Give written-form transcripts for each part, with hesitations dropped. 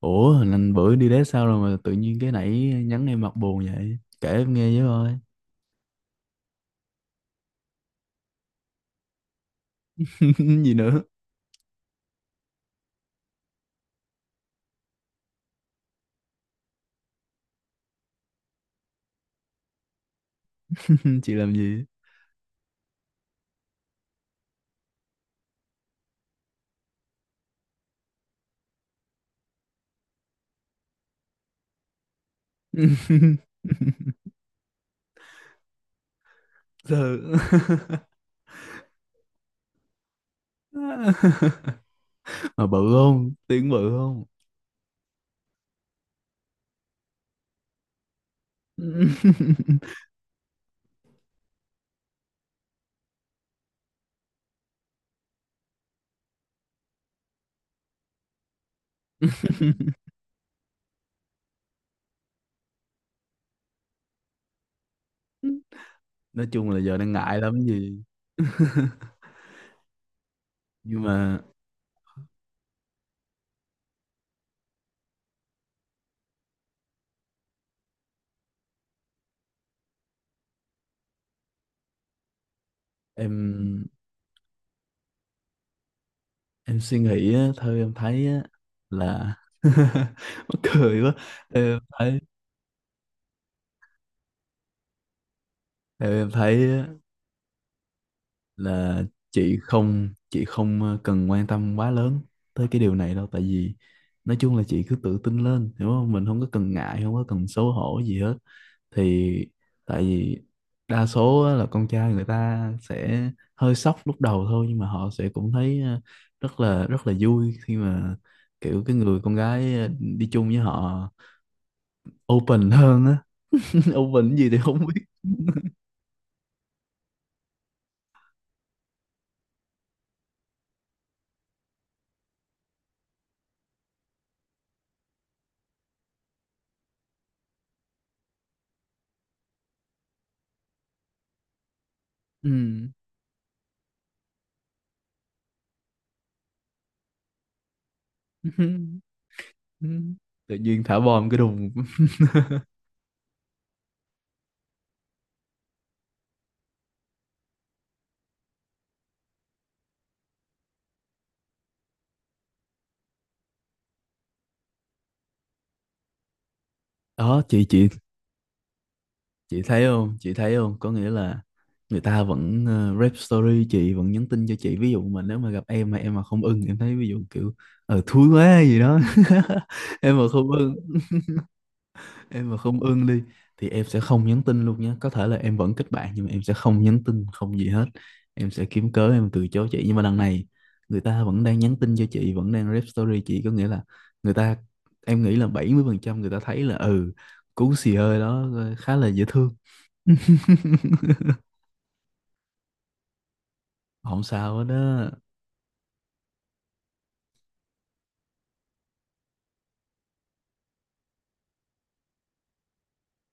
Ủa, hình anh bữa đi đế sao rồi mà tự nhiên cái nãy nhắn em mặt buồn vậy? Kể em nghe với coi. Gì nữa? Chị làm gì? Sợ. Mà bự không? Tiếng bự không? Nói chung là giờ đang ngại lắm gì. Nhưng mà em em suy nghĩ á, theo em thấy á, là mắc cười quá. Theo em thấy theo em thấy á, là chị không cần quan tâm quá lớn tới cái điều này đâu, tại vì nói chung là chị cứ tự tin lên, hiểu không? Mình không có cần ngại, không có cần xấu hổ gì hết thì, tại vì đa số á, là con trai người ta sẽ hơi sốc lúc đầu thôi, nhưng mà họ sẽ cũng thấy rất là vui khi mà kiểu cái người con gái đi chung với họ open hơn á. Open gì thì không biết. Ừ. Tự nhiên thả bom cái đùng. Đó chị thấy không có nghĩa là người ta vẫn rep story chị, vẫn nhắn tin cho chị. Ví dụ mà nếu mà gặp em mà không ưng, em thấy ví dụ kiểu thúi quá gì đó. em mà không ưng em mà không ưng đi thì em sẽ không nhắn tin luôn nhé, có thể là em vẫn kết bạn nhưng mà em sẽ không nhắn tin không gì hết, em sẽ kiếm cớ em từ chối chị. Nhưng mà đằng này người ta vẫn đang nhắn tin cho chị, vẫn đang rep story chị, có nghĩa là người ta, em nghĩ là 70% người ta thấy là ừ, cú xì hơi đó khá là dễ thương. Không sao hết á.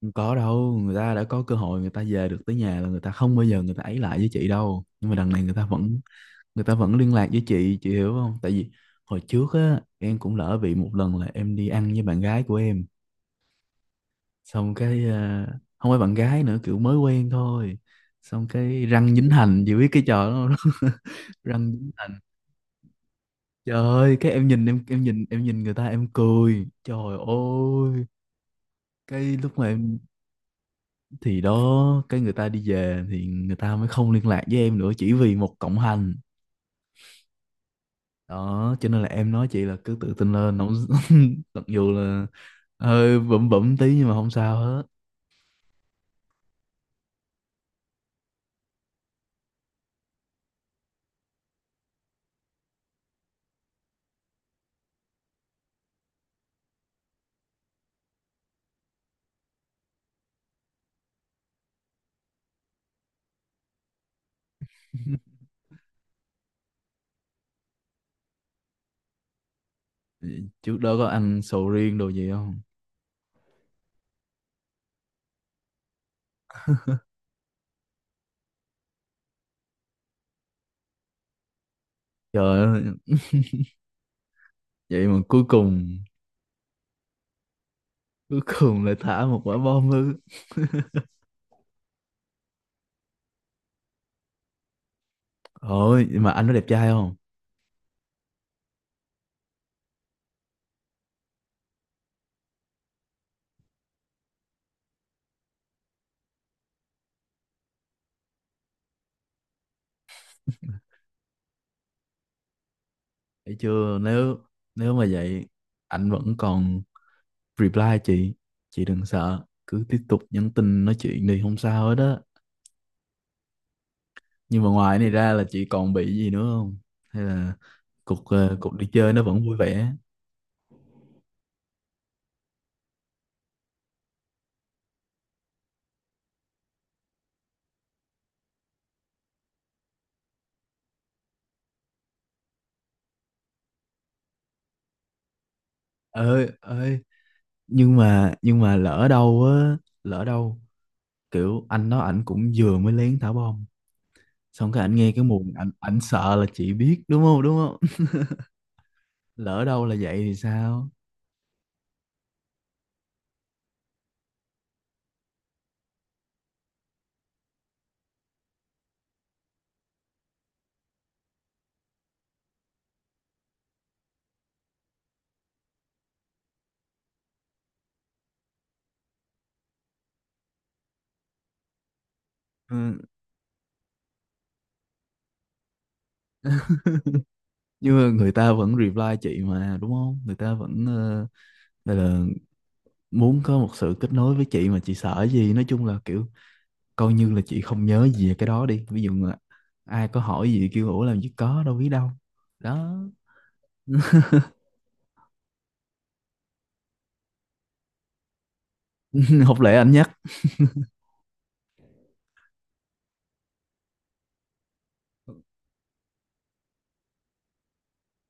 Không có đâu, người ta đã có cơ hội người ta về được tới nhà là người ta không bao giờ người ta ấy lại với chị đâu, nhưng mà đằng này người ta vẫn, liên lạc với chị hiểu không? Tại vì hồi trước á, em cũng lỡ bị một lần là em đi ăn với bạn gái của em, xong cái không phải bạn gái nữa, kiểu mới quen thôi, xong cái răng dính hành, chị biết cái trò đó không? Răng dính hành, trời ơi, cái em nhìn người ta, em cười, trời ơi cái lúc mà em, thì đó cái người ta đi về thì người ta mới không liên lạc với em nữa, chỉ vì một cộng hành đó. Cho nên là em nói chị là cứ tự tin lên, không? Mặc dù là hơi bẩm bẩm tí nhưng mà không sao hết. Trước đó có ăn sầu riêng đồ gì không? Trời ơi, vậy mà cuối cùng lại thả một quả bom ư? Ôi, mà anh có đẹp trai không? Thấy chưa, nếu nếu mà vậy, anh vẫn còn reply chị đừng sợ, cứ tiếp tục nhắn tin nói chuyện đi, không sao hết đó. Nhưng mà ngoài này ra là chị còn bị gì nữa không? Hay là cuộc đi chơi nó vẫn vui vẻ? Ơi ơi, nhưng mà lỡ đâu kiểu anh đó ảnh cũng vừa mới lén thả bom, xong cái ảnh nghe cái mùi, ảnh ảnh sợ là chị biết, đúng không, đúng không? Lỡ đâu là vậy thì sao? Ừ, nhưng mà người ta vẫn reply chị mà, đúng không? Người ta vẫn gọi là muốn có một sự kết nối với chị, mà chị sợ gì? Nói chung là kiểu coi như là chị không nhớ gì về cái đó đi, ví dụ là ai có hỏi gì kêu ủa làm gì có đâu, biết đâu đó. Học lẽ anh nhắc.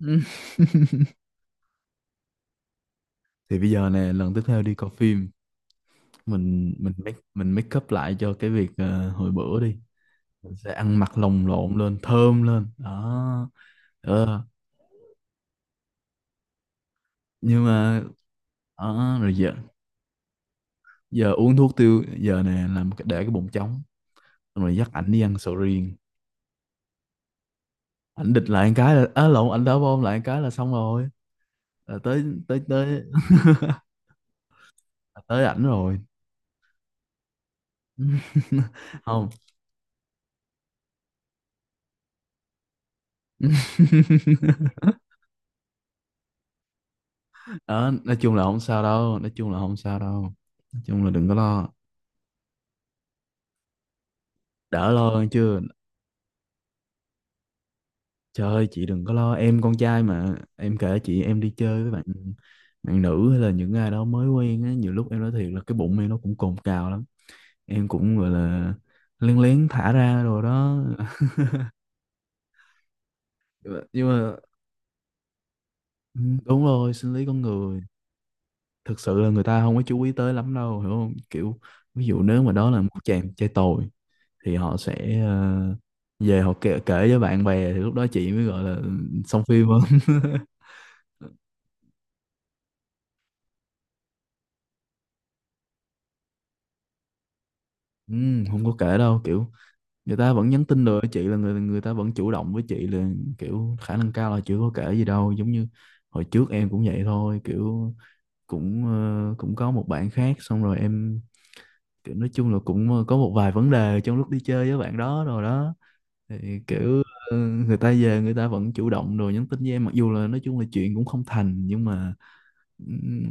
Ừ. Thì bây giờ nè, lần tiếp theo đi coi phim, mình make up lại cho cái việc hồi bữa đi, mình sẽ ăn mặc lồng lộn lên, thơm lên đó. Ờ, nhưng mà đó, rồi giờ, uống thuốc tiêu giờ nè, làm để cái bụng trống, xong rồi dắt ảnh đi ăn sầu riêng, ảnh địch lại một cái là, á lộn, ảnh đá bom lại một cái là xong rồi, là tới tới tới. Tới ảnh rồi. Không. Đó, nói chung là không sao đâu, nói chung là không sao đâu, nói chung là đừng có lo. Đỡ lo hơn chưa? Trời ơi chị đừng có lo, em con trai mà, em kể chị, em đi chơi với bạn bạn nữ hay là những ai đó mới quen á, nhiều lúc em nói thiệt là cái bụng em nó cũng cồn cào lắm, em cũng gọi là lén lén thả ra rồi đó. Nhưng mà ừ, đúng rồi, sinh lý con người. Thực sự là người ta không có chú ý tới lắm đâu, hiểu không? Kiểu ví dụ nếu mà đó là một chàng trai tồi thì họ sẽ về họ kể với bạn bè, thì lúc đó chị mới gọi là ừ, xong phim hơn. Ừ, không có kể đâu, kiểu người ta vẫn nhắn tin được chị là người người ta vẫn chủ động với chị là kiểu khả năng cao là chưa có kể gì đâu. Giống như hồi trước em cũng vậy thôi, kiểu cũng có một bạn khác, xong rồi em kiểu nói chung là cũng ờ, có một vài vấn đề trong lúc đi chơi với bạn đó rồi đó, thì kiểu người ta về người ta vẫn chủ động rồi nhắn tin với em, mặc dù là nói chung là chuyện cũng không thành, nhưng mà ừm,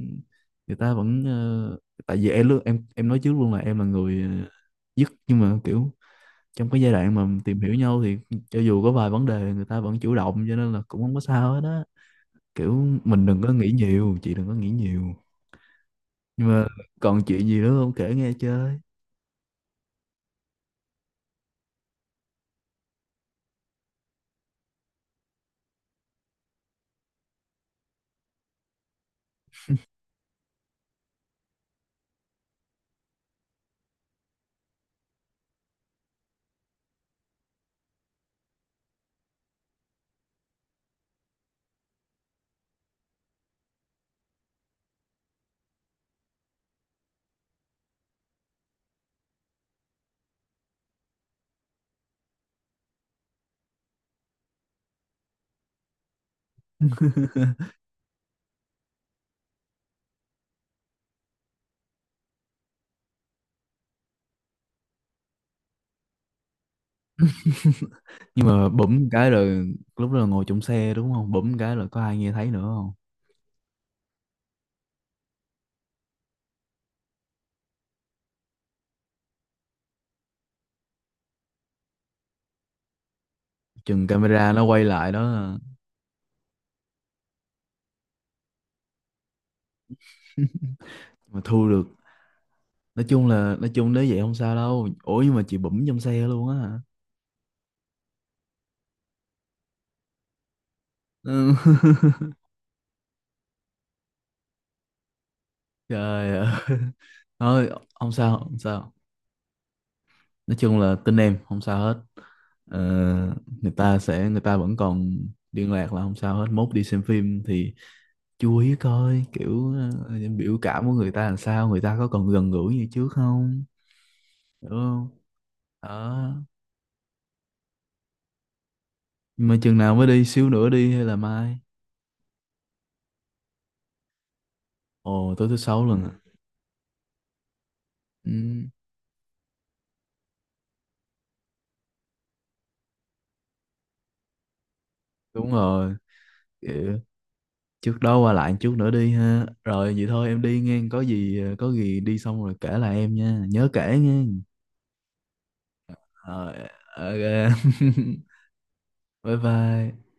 người ta vẫn tại vì em nói trước luôn là em là người dứt, nhưng mà kiểu trong cái giai đoạn mà tìm hiểu nhau thì cho dù có vài vấn đề người ta vẫn chủ động, cho nên là cũng không có sao hết á, kiểu mình đừng có nghĩ nhiều, chị đừng có nghĩ nhiều. Nhưng mà còn chuyện gì nữa không, kể nghe chơi? Nhưng mà bấm cái là, lúc đó là ngồi trong xe đúng không, bấm cái là có ai nghe thấy nữa không? Chừng camera nó quay lại mà thu được, nói chung là nói chung nếu vậy không sao đâu. Ủa nhưng mà chị bấm trong xe luôn á hả? Ừ. Trời ơi. Thôi không sao, không sao, nói chung là tin em không sao hết. Ờ, người ta vẫn còn liên lạc là không sao hết, mốt đi xem phim thì chú ý coi kiểu biểu cảm của người ta làm sao, người ta có còn gần gũi như trước không. Hiểu không? Đó. Nhưng mà chừng nào mới đi, xíu nữa đi hay là mai? Ồ tối thứ sáu. Ừ. Lần à? Ừ, đúng rồi. Kiểu trước đó qua lại chút nữa đi ha, rồi vậy thôi em đi nghe, có gì đi xong rồi kể lại em nha, nhớ kể nghe. Rồi ok. Bye bye.